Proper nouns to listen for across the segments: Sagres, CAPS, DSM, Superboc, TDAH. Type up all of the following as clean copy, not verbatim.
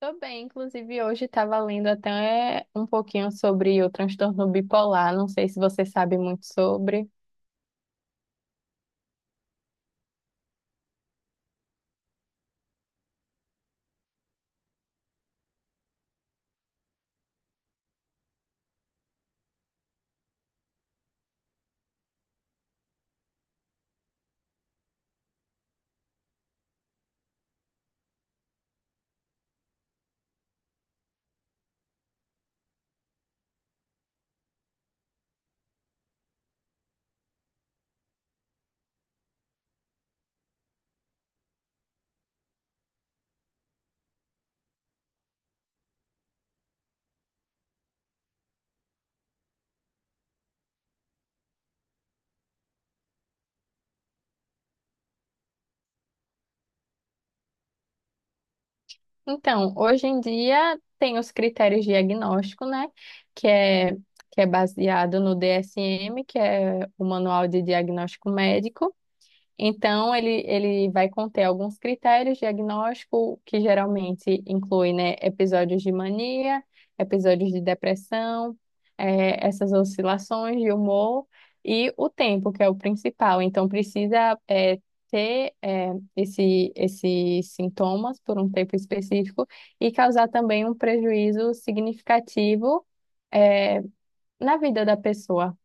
Tô bem, inclusive hoje estava lendo até um pouquinho sobre o transtorno bipolar, não sei se você sabe muito sobre. Então, hoje em dia tem os critérios de diagnóstico, né, que é, que é baseado no DSM, que é o Manual de Diagnóstico Médico. Então, ele vai conter alguns critérios diagnóstico que geralmente inclui, né, episódios de mania, episódios de depressão, essas oscilações de humor e o tempo, que é o principal. Então, precisa, ter, esses sintomas por um tempo específico e causar também um prejuízo significativo, eh, na vida da pessoa.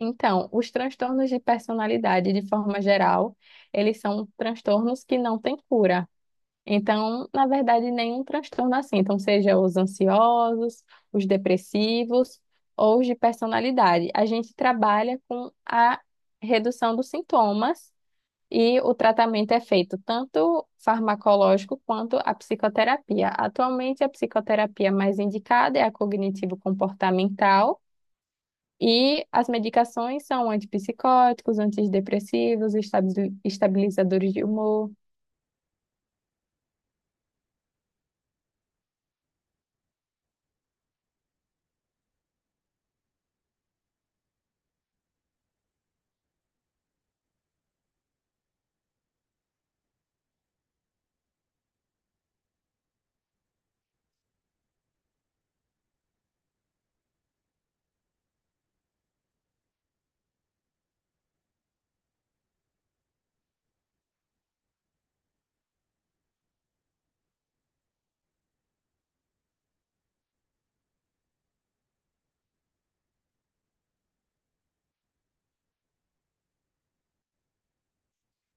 Então, os transtornos de personalidade, de forma geral, eles são transtornos que não têm cura. Então, na verdade, nenhum transtorno assim. Então, seja os ansiosos, os depressivos ou os de personalidade. A gente trabalha com a redução dos sintomas e o tratamento é feito tanto farmacológico quanto a psicoterapia. Atualmente, a psicoterapia mais indicada é a cognitivo-comportamental e as medicações são antipsicóticos, antidepressivos, estabilizadores de humor.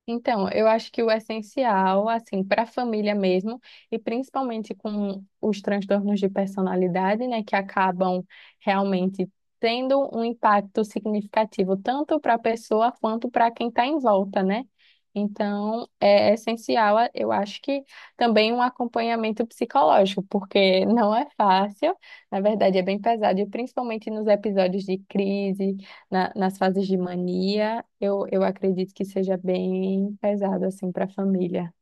Então, eu acho que o essencial, assim, para a família mesmo, e principalmente com os transtornos de personalidade, né, que acabam realmente tendo um impacto significativo tanto para a pessoa quanto para quem está em volta, né? Então, é essencial, eu acho que também um acompanhamento psicológico, porque não é fácil, na verdade é bem pesado, e principalmente nos episódios de crise nas fases de mania, eu acredito que seja bem pesado, assim, para a família.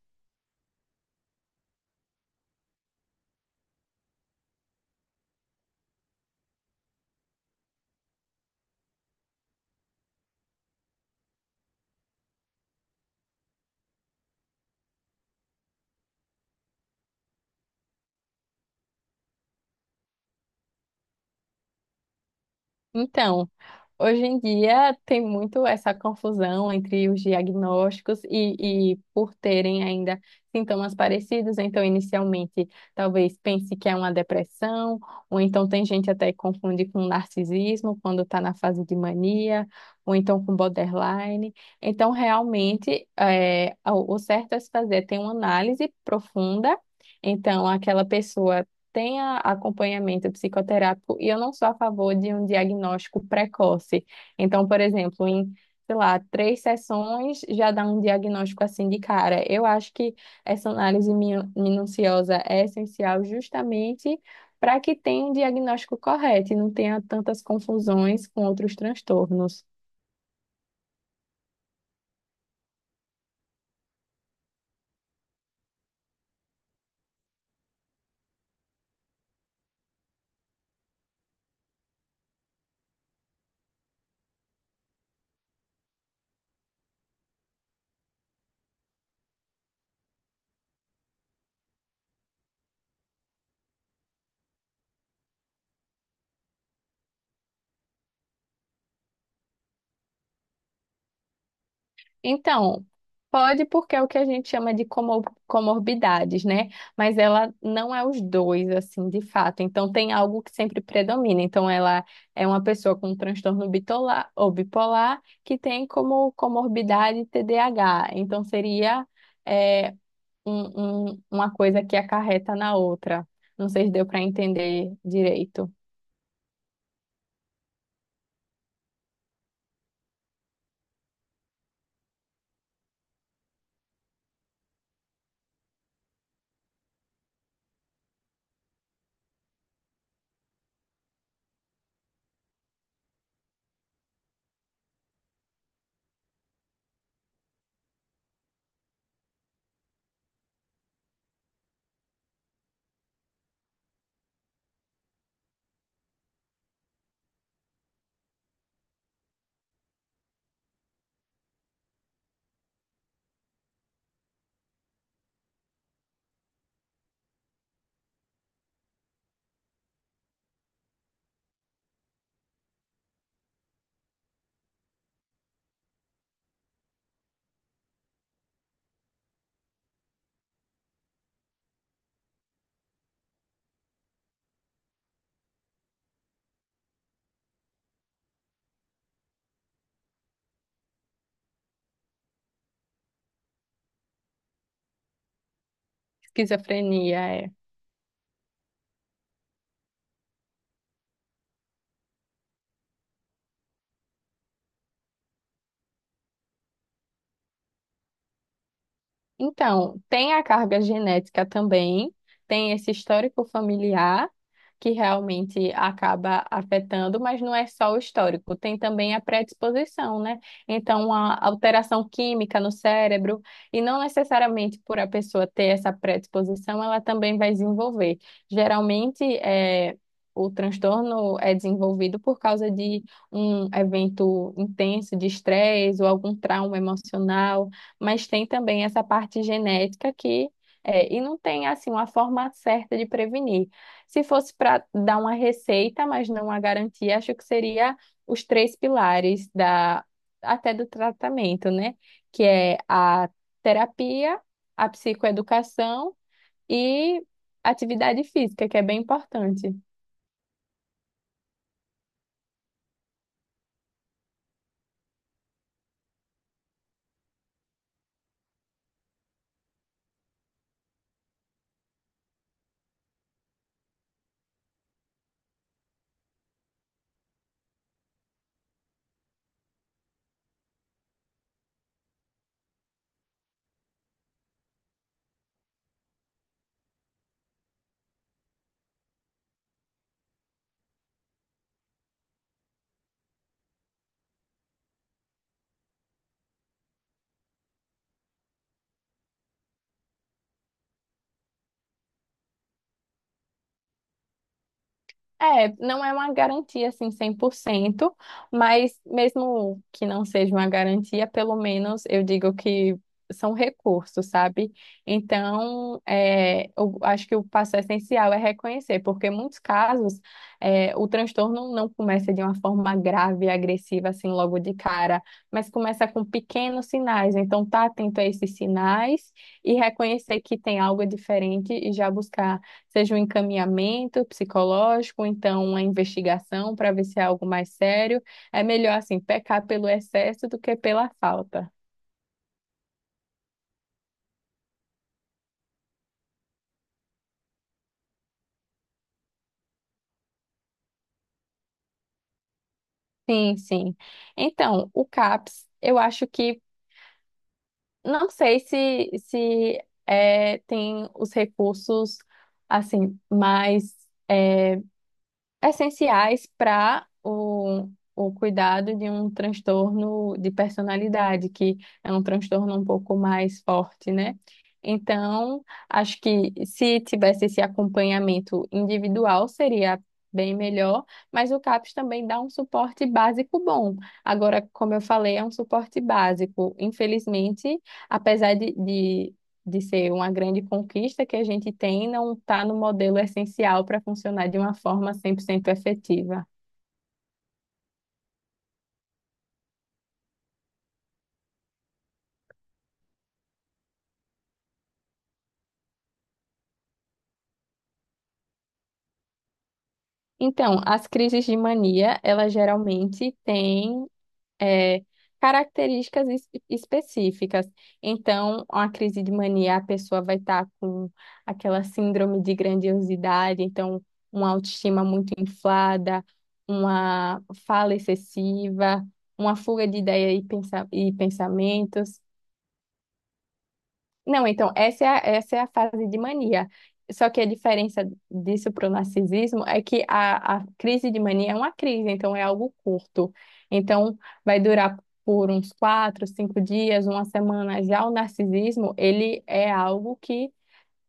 Então, hoje em dia tem muito essa confusão entre os diagnósticos e por terem ainda sintomas parecidos, então inicialmente talvez pense que é uma depressão, ou então tem gente até que confunde com narcisismo quando está na fase de mania, ou então com borderline. Então, realmente, o certo a se fazer é ter uma análise profunda. Então, aquela pessoa tenha acompanhamento psicoterápico e eu não sou a favor de um diagnóstico precoce. Então, por exemplo, em, sei lá, três sessões já dá um diagnóstico assim de cara. Eu acho que essa análise minuciosa é essencial justamente para que tenha um diagnóstico correto e não tenha tantas confusões com outros transtornos. Então, pode porque é o que a gente chama de comorbidades, né? Mas ela não é os dois, assim, de fato. Então, tem algo que sempre predomina. Então, ela é uma pessoa com um transtorno bitola- ou bipolar que tem como comorbidade TDAH. Então, seria é, uma coisa que acarreta na outra. Não sei se deu para entender direito. Esquizofrenia é. Então, tem a carga genética também, tem esse histórico familiar que realmente acaba afetando, mas não é só o histórico, tem também a predisposição, né? Então, a alteração química no cérebro, e não necessariamente por a pessoa ter essa predisposição, ela também vai desenvolver. Geralmente, o transtorno é desenvolvido por causa de um evento intenso de estresse ou algum trauma emocional, mas tem também essa parte genética que e não tem assim uma forma certa de prevenir. Se fosse para dar uma receita, mas não uma garantia, acho que seria os três pilares da até do tratamento, né? Que é a terapia, a psicoeducação e atividade física, que é bem importante. É, não é uma garantia assim 100%, mas mesmo que não seja uma garantia, pelo menos eu digo que são recursos, sabe? Então, eu acho que o passo essencial é reconhecer, porque em muitos casos o transtorno não começa de uma forma grave e agressiva assim logo de cara, mas começa com pequenos sinais. Então, tá atento a esses sinais e reconhecer que tem algo diferente e já buscar seja um encaminhamento psicológico, então uma investigação para ver se é algo mais sério. É melhor, assim, pecar pelo excesso do que pela falta. Sim, sim. Então, o CAPS, eu acho que, não sei se tem os recursos, assim, mais eh, essenciais para o cuidado de um transtorno de personalidade, que é um transtorno um pouco mais forte, né? Então, acho que se tivesse esse acompanhamento individual, seria bem melhor, mas o CAPS também dá um suporte básico bom. Agora, como eu falei, é um suporte básico. Infelizmente, apesar de ser uma grande conquista que a gente tem, não está no modelo essencial para funcionar de uma forma 100% efetiva. Então, as crises de mania, elas geralmente têm é, características específicas. Então, uma crise de mania, a pessoa vai estar com aquela síndrome de grandiosidade, então, uma autoestima muito inflada, uma fala excessiva, uma fuga de ideia e pensamentos. Não, então, essa é a fase de mania. Só que a diferença disso para o narcisismo é que a crise de mania é uma crise, então é algo curto. Então, vai durar por uns 4, 5 dias, uma semana. Já o narcisismo, ele é algo que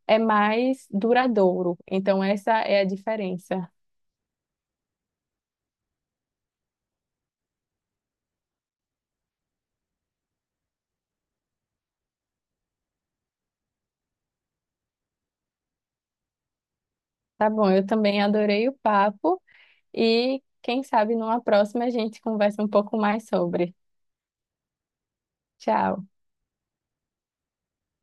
é mais duradouro. Então, essa é a diferença. Tá bom, eu também adorei o papo e quem sabe numa próxima a gente conversa um pouco mais sobre. Tchau.